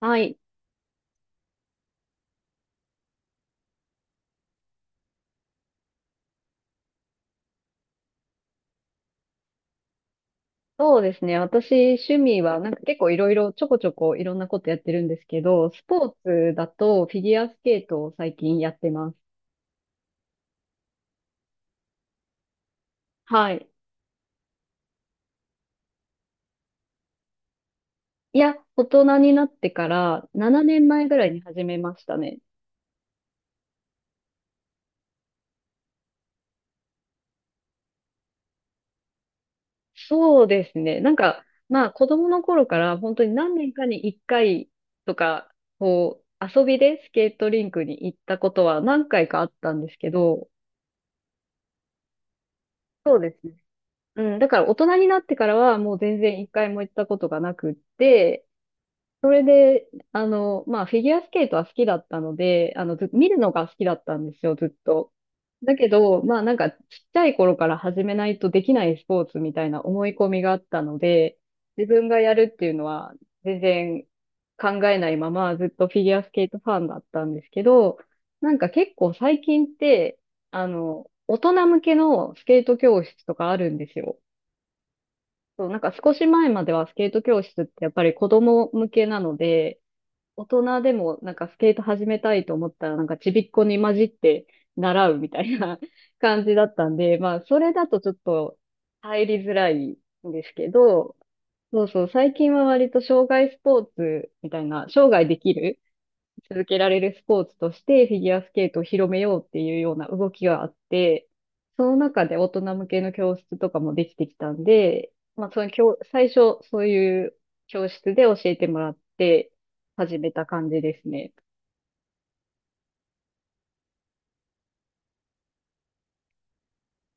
はい。そうですね。私、趣味は、結構いろいろ、ちょこちょこいろんなことやってるんですけど、スポーツだとフィギュアスケートを最近やってます。はい。いや、大人になってから7年前ぐらいに始めましたね。そうですね。まあ子供の頃から本当に何年かに1回とか、こう、遊びでスケートリンクに行ったことは何回かあったんですけど、そうですね。うん、だから大人になってからはもう全然一回も行ったことがなくって、まあフィギュアスケートは好きだったので、あの、ず、見るのが好きだったんですよ、ずっと。だけど、ちっちゃい頃から始めないとできないスポーツみたいな思い込みがあったので、自分がやるっていうのは全然考えないままずっとフィギュアスケートファンだったんですけど、結構最近って、大人向けのスケート教室とかあるんですよ。そう、少し前まではスケート教室ってやっぱり子供向けなので、大人でもスケート始めたいと思ったらちびっこに混じって習うみたいな 感じだったんで、まあそれだとちょっと入りづらいんですけど、そう、最近は割と障害スポーツみたいな、生涯できる続けられるスポーツとしてフィギュアスケートを広めようっていうような動きがあって、その中で大人向けの教室とかもできてきたんで、まあ、その教、最初そういう教室で教えてもらって始めた感じですね。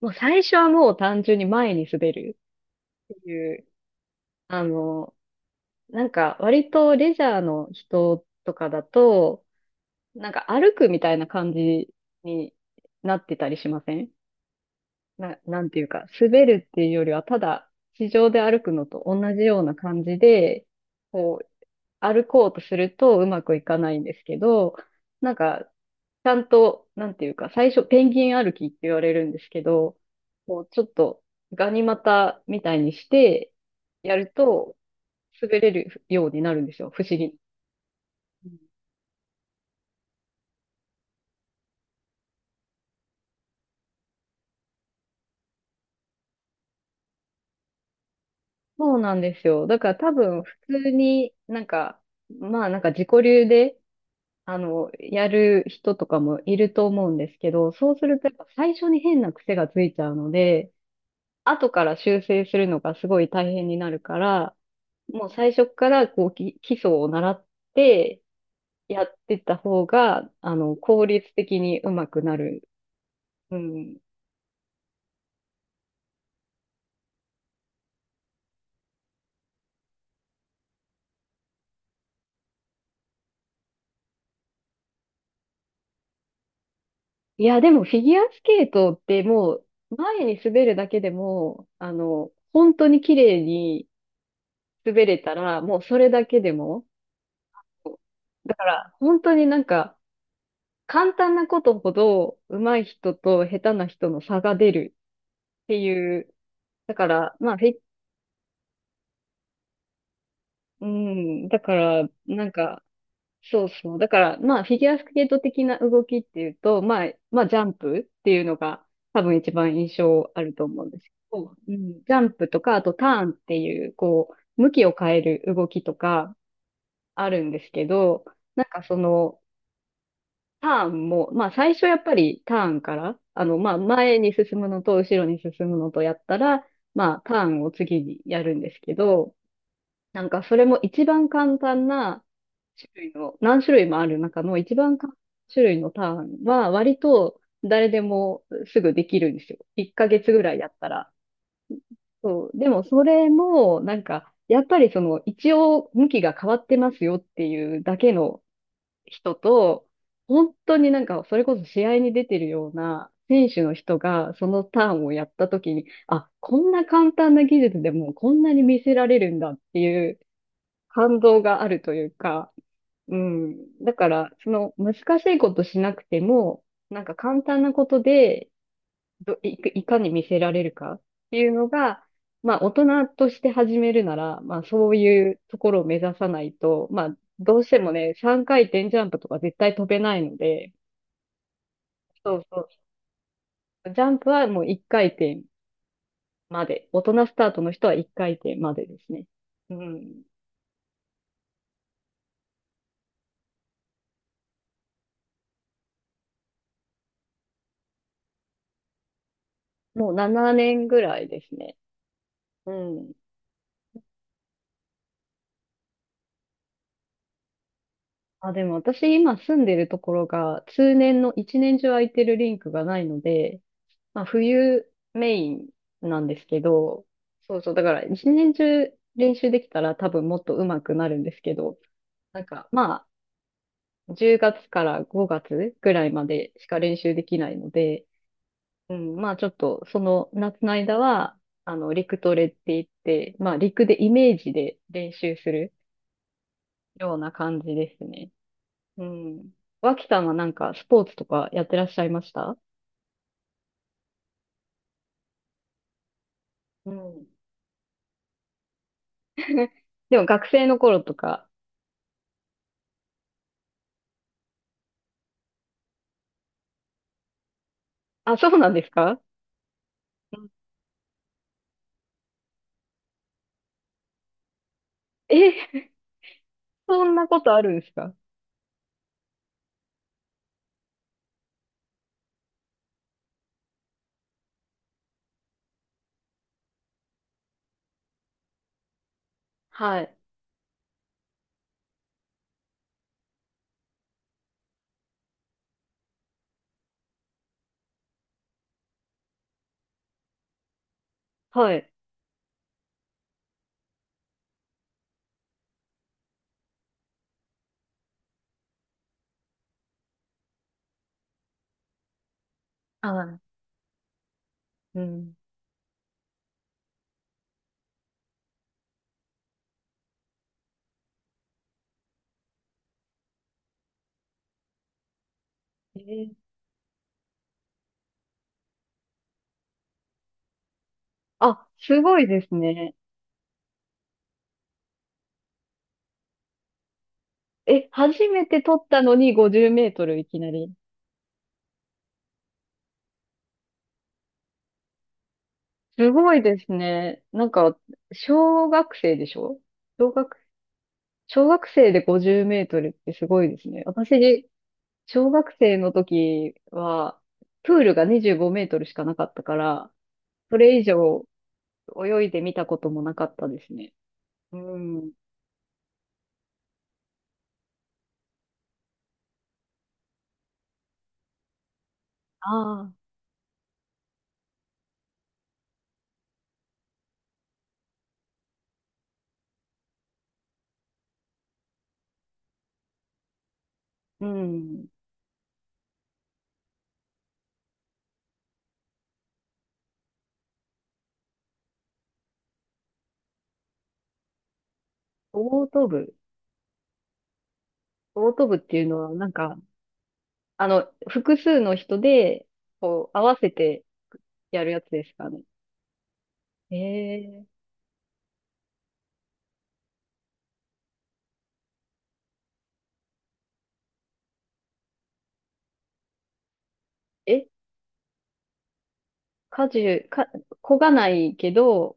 もう最初はもう単純に前に滑るっていう、あの、割とレジャーの人とかだと、歩くみたいな感じになってたりしませんなんていうか、滑るっていうよりは、ただ、地上で歩くのと同じような感じで、こう、歩こうとするとうまくいかないんですけど、なんか、ちゃんと、なんていうか、最初、ペンギン歩きって言われるんですけど、こう、ちょっと、ガニ股みたいにして、やると、滑れるようになるんですよ、不思議。うん。そうなんですよ。だから多分、普通に自己流で、やる人とかもいると思うんですけど、そうするとやっぱ最初に変な癖がついちゃうので、後から修正するのがすごい大変になるから、もう最初からこう基礎を習ってやってた方が、効率的にうまくなる。うん。いや、でもフィギュアスケートってもう前に滑るだけでも、本当に綺麗に滑れたら、もうそれだけでも、だから、本当になんか、簡単なことほど上手い人と下手な人の差が出るっていう。だから、まあ、フィ、うん、だから、なんか、そうそう。だから、まあ、フィギュアスケート的な動きっていうと、まあ、まあ、ジャンプっていうのが多分一番印象あると思うんですけど、うん、ジャンプとか、あとターンっていう、こう、向きを変える動きとかあるんですけど、なんかその、ターンも、まあ最初やっぱりターンから、まあ前に進むのと後ろに進むのとやったら、まあターンを次にやるんですけど、それも一番簡単な種類の、何種類もある中の一番簡単な種類のターンは割と誰でもすぐできるんですよ。1ヶ月ぐらいやったら。そう。でもそれも、やっぱりその一応向きが変わってますよっていうだけの人と、本当になんか、それこそ試合に出てるような選手の人が、そのターンをやった時に、あ、こんな簡単な技術でもこんなに見せられるんだっていう感動があるというか、うん。だから、その難しいことしなくても、簡単なことでど、い、いかに見せられるかっていうのが、まあ、大人として始めるなら、まあ、そういうところを目指さないと、まあ、どうしてもね、3回転ジャンプとか絶対飛べないので、そうそう。ジャンプはもう1回転まで。大人スタートの人は1回転までですね。うん。もう7年ぐらいですね。うん。あ、でも私今住んでるところが、通年の1年中空いてるリンクがないので、まあ、冬メインなんですけど、そうそう、だから一年中練習できたら多分もっと上手くなるんですけど、なんかま10月から5月ぐらいまでしか練習できないので、うん、まあちょっとその夏の間は、陸トレって言って、まあ陸でイメージで練習するような感じですね。うん。脇さんはスポーツとかやってらっしゃいました？うん。でも学生の頃とか、あ、そうなんですか？え、そんなことあるんですか？はい。はい。はい。うん。えー。あ、すごいですね。え、初めて撮ったのに50メートルいきなり。すごいですね。小学生でしょ？小学、小学生で50メートルってすごいですね。私、小学生の時は、プールが25メートルしかなかったから、それ以上泳いでみたこともなかったですね。うん。ああ、うん。オート部。オート部っていうのは、複数の人で、こう、合わせてやるやつですかね。えー、え、家事、か、こがないけど、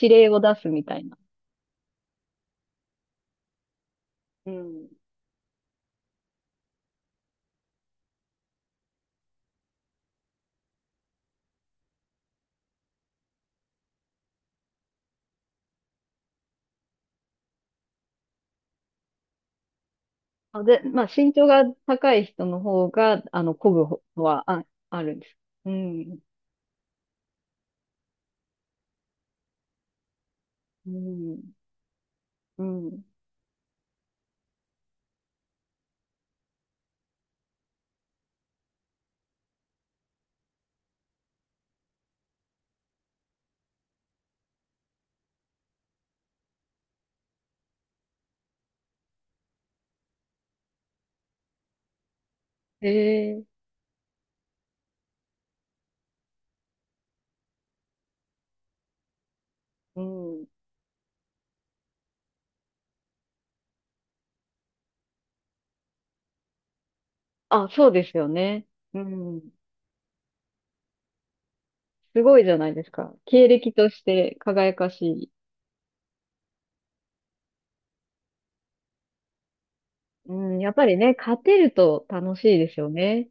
指令を出すみたいな。うん。あ、で、まあ、身長が高い人の方が、こぐのはあるんです。うん。うん。うん。えー、うん。あ、そうですよね。うん。すごいじゃないですか。経歴として輝かしい。うん、やっぱりね、勝てると楽しいですよね。